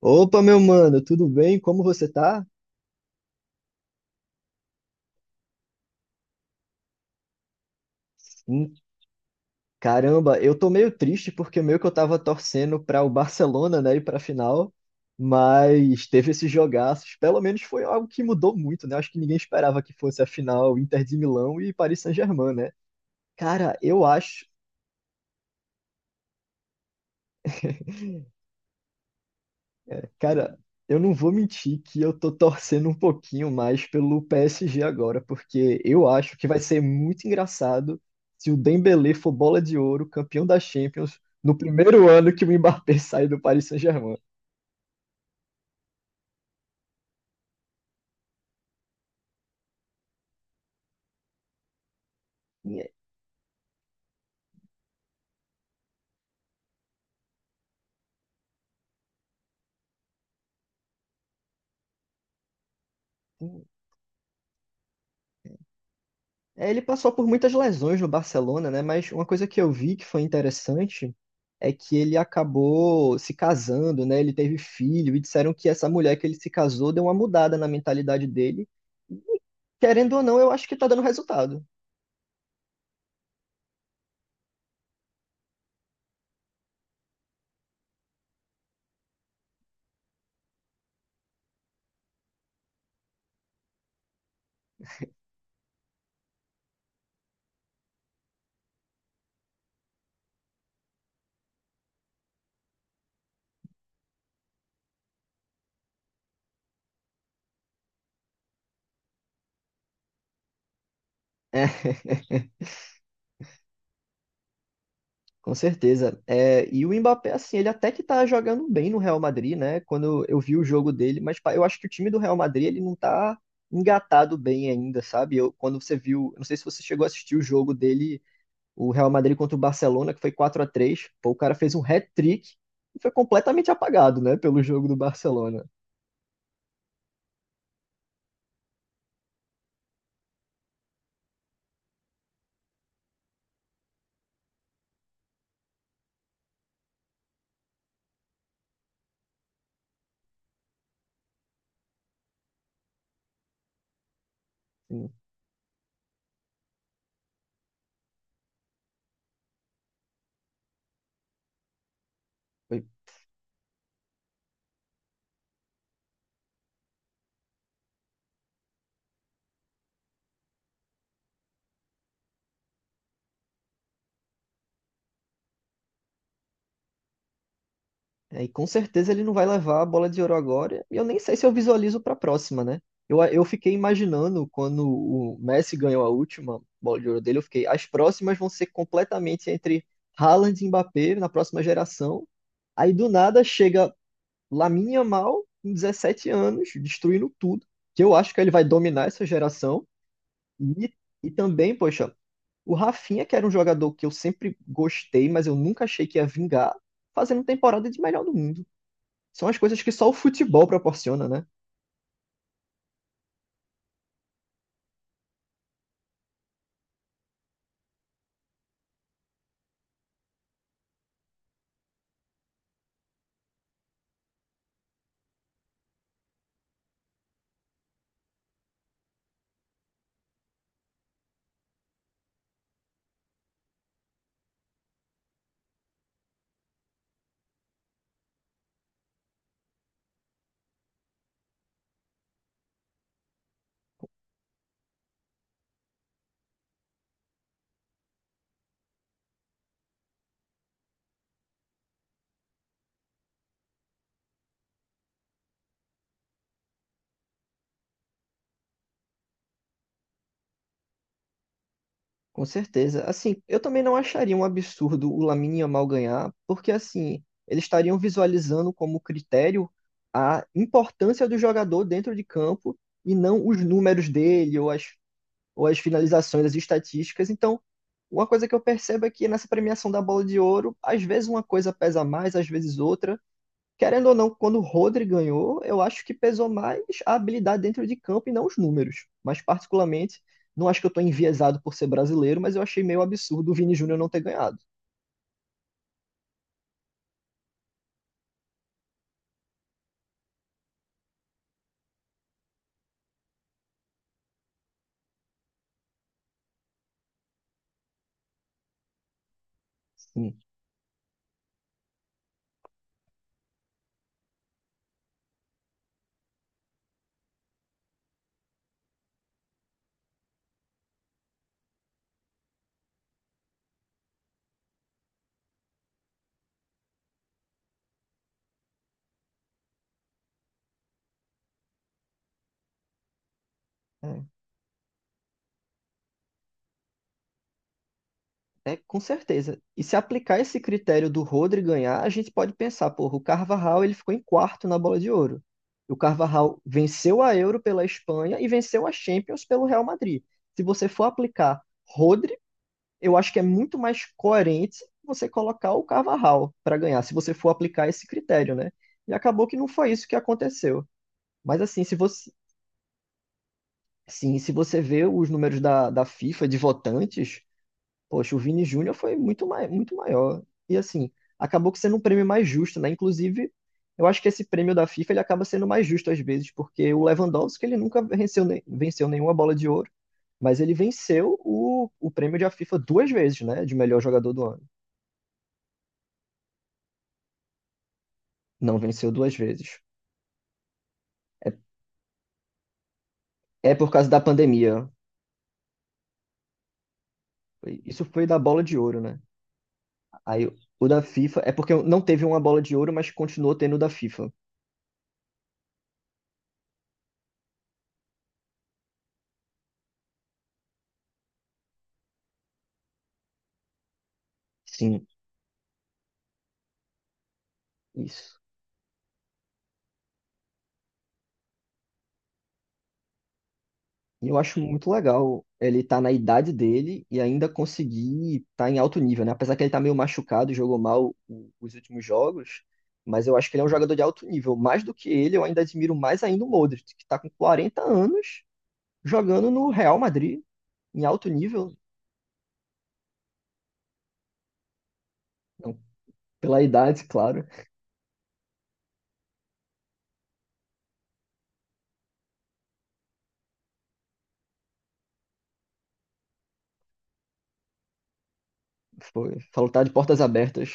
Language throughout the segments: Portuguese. Opa, meu mano, tudo bem? Como você tá? Hum, caramba, eu tô meio triste porque meio que eu tava torcendo para o Barcelona, né, ir pra final, mas teve esses jogaços. Pelo menos foi algo que mudou muito, né? Acho que ninguém esperava que fosse a final Inter de Milão e Paris Saint-Germain, né? Cara, eu acho, Cara, eu não vou mentir que eu tô torcendo um pouquinho mais pelo PSG agora, porque eu acho que vai ser muito engraçado se o Dembélé for bola de ouro, campeão da Champions, no primeiro ano que o Mbappé sai do Paris Saint-Germain. E é- Ele passou por muitas lesões no Barcelona, né? Mas uma coisa que eu vi que foi interessante é que ele acabou se casando, né? Ele teve filho e disseram que essa mulher que ele se casou deu uma mudada na mentalidade dele. Querendo ou não, eu acho que tá dando resultado. É, com certeza. É, e o Mbappé, assim, ele até que tá jogando bem no Real Madrid, né? Quando eu vi o jogo dele, mas pá, eu acho que o time do Real Madrid, ele não tá engatado bem ainda, sabe? Quando você viu, não sei se você chegou a assistir o jogo dele, o Real Madrid contra o Barcelona, que foi 4-3 pô, o cara fez um hat-trick e foi completamente apagado, né, pelo jogo do Barcelona. Assim, Foi e com certeza ele não vai levar a bola de ouro agora. E eu nem sei se eu visualizo para a próxima, né? Eu fiquei imaginando quando o Messi ganhou a última bola de ouro dele, eu fiquei, as próximas vão ser completamente entre Haaland e Mbappé na próxima geração. Aí do nada chega Lamine Yamal, com 17 anos, destruindo tudo, que eu acho que ele vai dominar essa geração. E, e também, poxa, o Rafinha, que era um jogador que eu sempre gostei, mas eu nunca achei que ia vingar, fazendo temporada de melhor do mundo. São as coisas que só o futebol proporciona, né? Com certeza. Assim, eu também não acharia um absurdo o Lamine Yamal ganhar, porque assim, eles estariam visualizando como critério a importância do jogador dentro de campo e não os números dele ou as, finalizações, as estatísticas. Então, uma coisa que eu percebo é que nessa premiação da Bola de Ouro, às vezes uma coisa pesa mais, às vezes outra. Querendo ou não, quando o Rodri ganhou, eu acho que pesou mais a habilidade dentro de campo e não os números. Mas, particularmente, não acho que eu estou enviesado por ser brasileiro, mas eu achei meio absurdo o Vini Júnior não ter ganhado. Sim. É, é, com certeza. E se aplicar esse critério do Rodri ganhar, a gente pode pensar, porra, o Carvajal ele ficou em quarto na Bola de Ouro. O Carvajal venceu a Euro pela Espanha e venceu a Champions pelo Real Madrid. Se você for aplicar Rodri eu acho que é muito mais coerente você colocar o Carvajal para ganhar, se você for aplicar esse critério, né? E acabou que não foi isso que aconteceu. Mas assim, se você, sim, se você vê os números da, FIFA de votantes, poxa, o Vini Júnior foi muito maior. E assim, acabou que sendo um prêmio mais justo, né? Inclusive, eu acho que esse prêmio da FIFA ele acaba sendo mais justo às vezes, porque o Lewandowski ele nunca venceu, venceu nenhuma bola de ouro, mas ele venceu o prêmio da FIFA duas vezes, né? De melhor jogador do ano. Não venceu duas vezes. É, é por causa da pandemia. Isso foi da bola de ouro, né? Aí o da FIFA é porque não teve uma bola de ouro, mas continuou tendo o da FIFA. Sim, isso. E eu acho muito legal ele estar na idade dele e ainda conseguir estar em alto nível, né? Apesar que ele tá meio machucado, jogou mal os últimos jogos, mas eu acho que ele é um jogador de alto nível. Mais do que ele, eu ainda admiro mais ainda o Modric, que tá com 40 anos jogando no Real Madrid, em alto nível. Não, pela idade, claro. Foi. Falou que tá de portas abertas.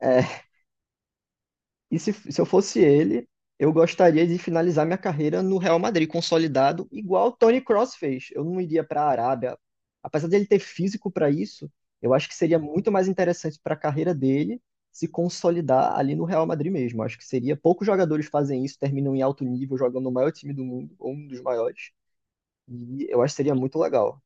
É, e se eu fosse ele, eu gostaria de finalizar minha carreira no Real Madrid, consolidado, igual o Toni Kroos fez. Eu não iria para a Arábia. Apesar dele ter físico para isso, eu acho que seria muito mais interessante para a carreira dele se consolidar ali no Real Madrid mesmo. Acho que seria. Poucos jogadores fazem isso, terminam em alto nível, jogam no maior time do mundo, ou um dos maiores. E eu acho que seria muito legal.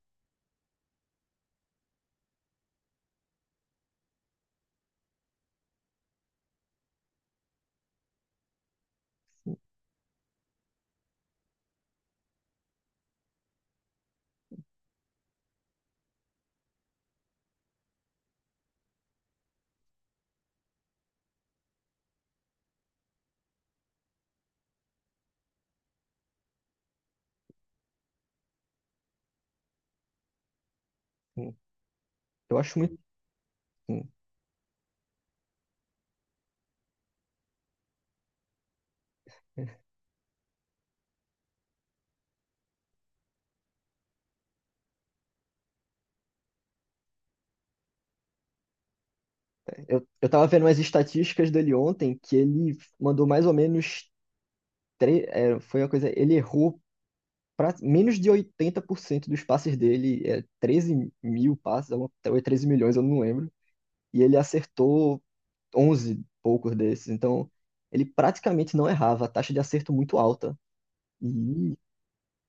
Hum, Eu acho muito. hum, eu tava vendo umas estatísticas dele ontem que ele mandou mais ou menos. Foi uma coisa. Ele errou pra, menos de 80% dos passes dele, 13 mil passes, ou é 13 milhões, eu não lembro. E ele acertou 11 poucos desses. Então, ele praticamente não errava, a taxa de acerto muito alta. E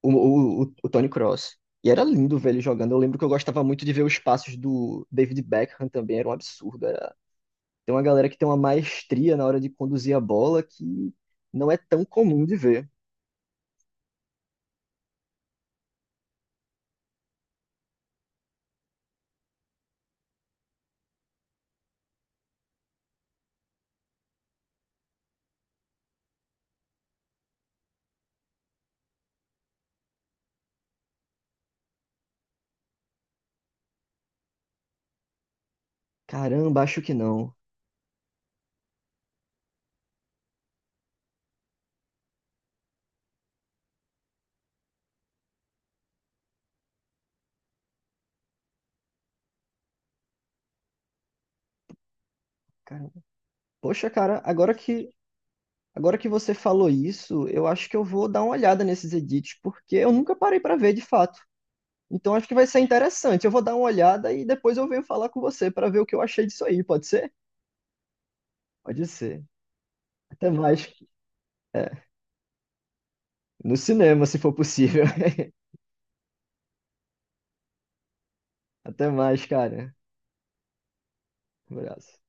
o Tony Cross. E era lindo ver ele jogando. Eu lembro que eu gostava muito de ver os passos do David Beckham também, era um absurdo. Tem uma galera que tem uma maestria na hora de conduzir a bola que não é tão comum de ver. Caramba, acho que não. Cara- Poxa, cara, agora que você falou isso, eu acho que eu vou dar uma olhada nesses edits, porque eu nunca parei pra ver de fato. Então acho que vai ser interessante. Eu vou dar uma olhada e depois eu venho falar com você pra ver o que eu achei disso aí, pode ser? Pode ser. Até mais. É, no cinema, se for possível. Até mais, cara. Um abraço.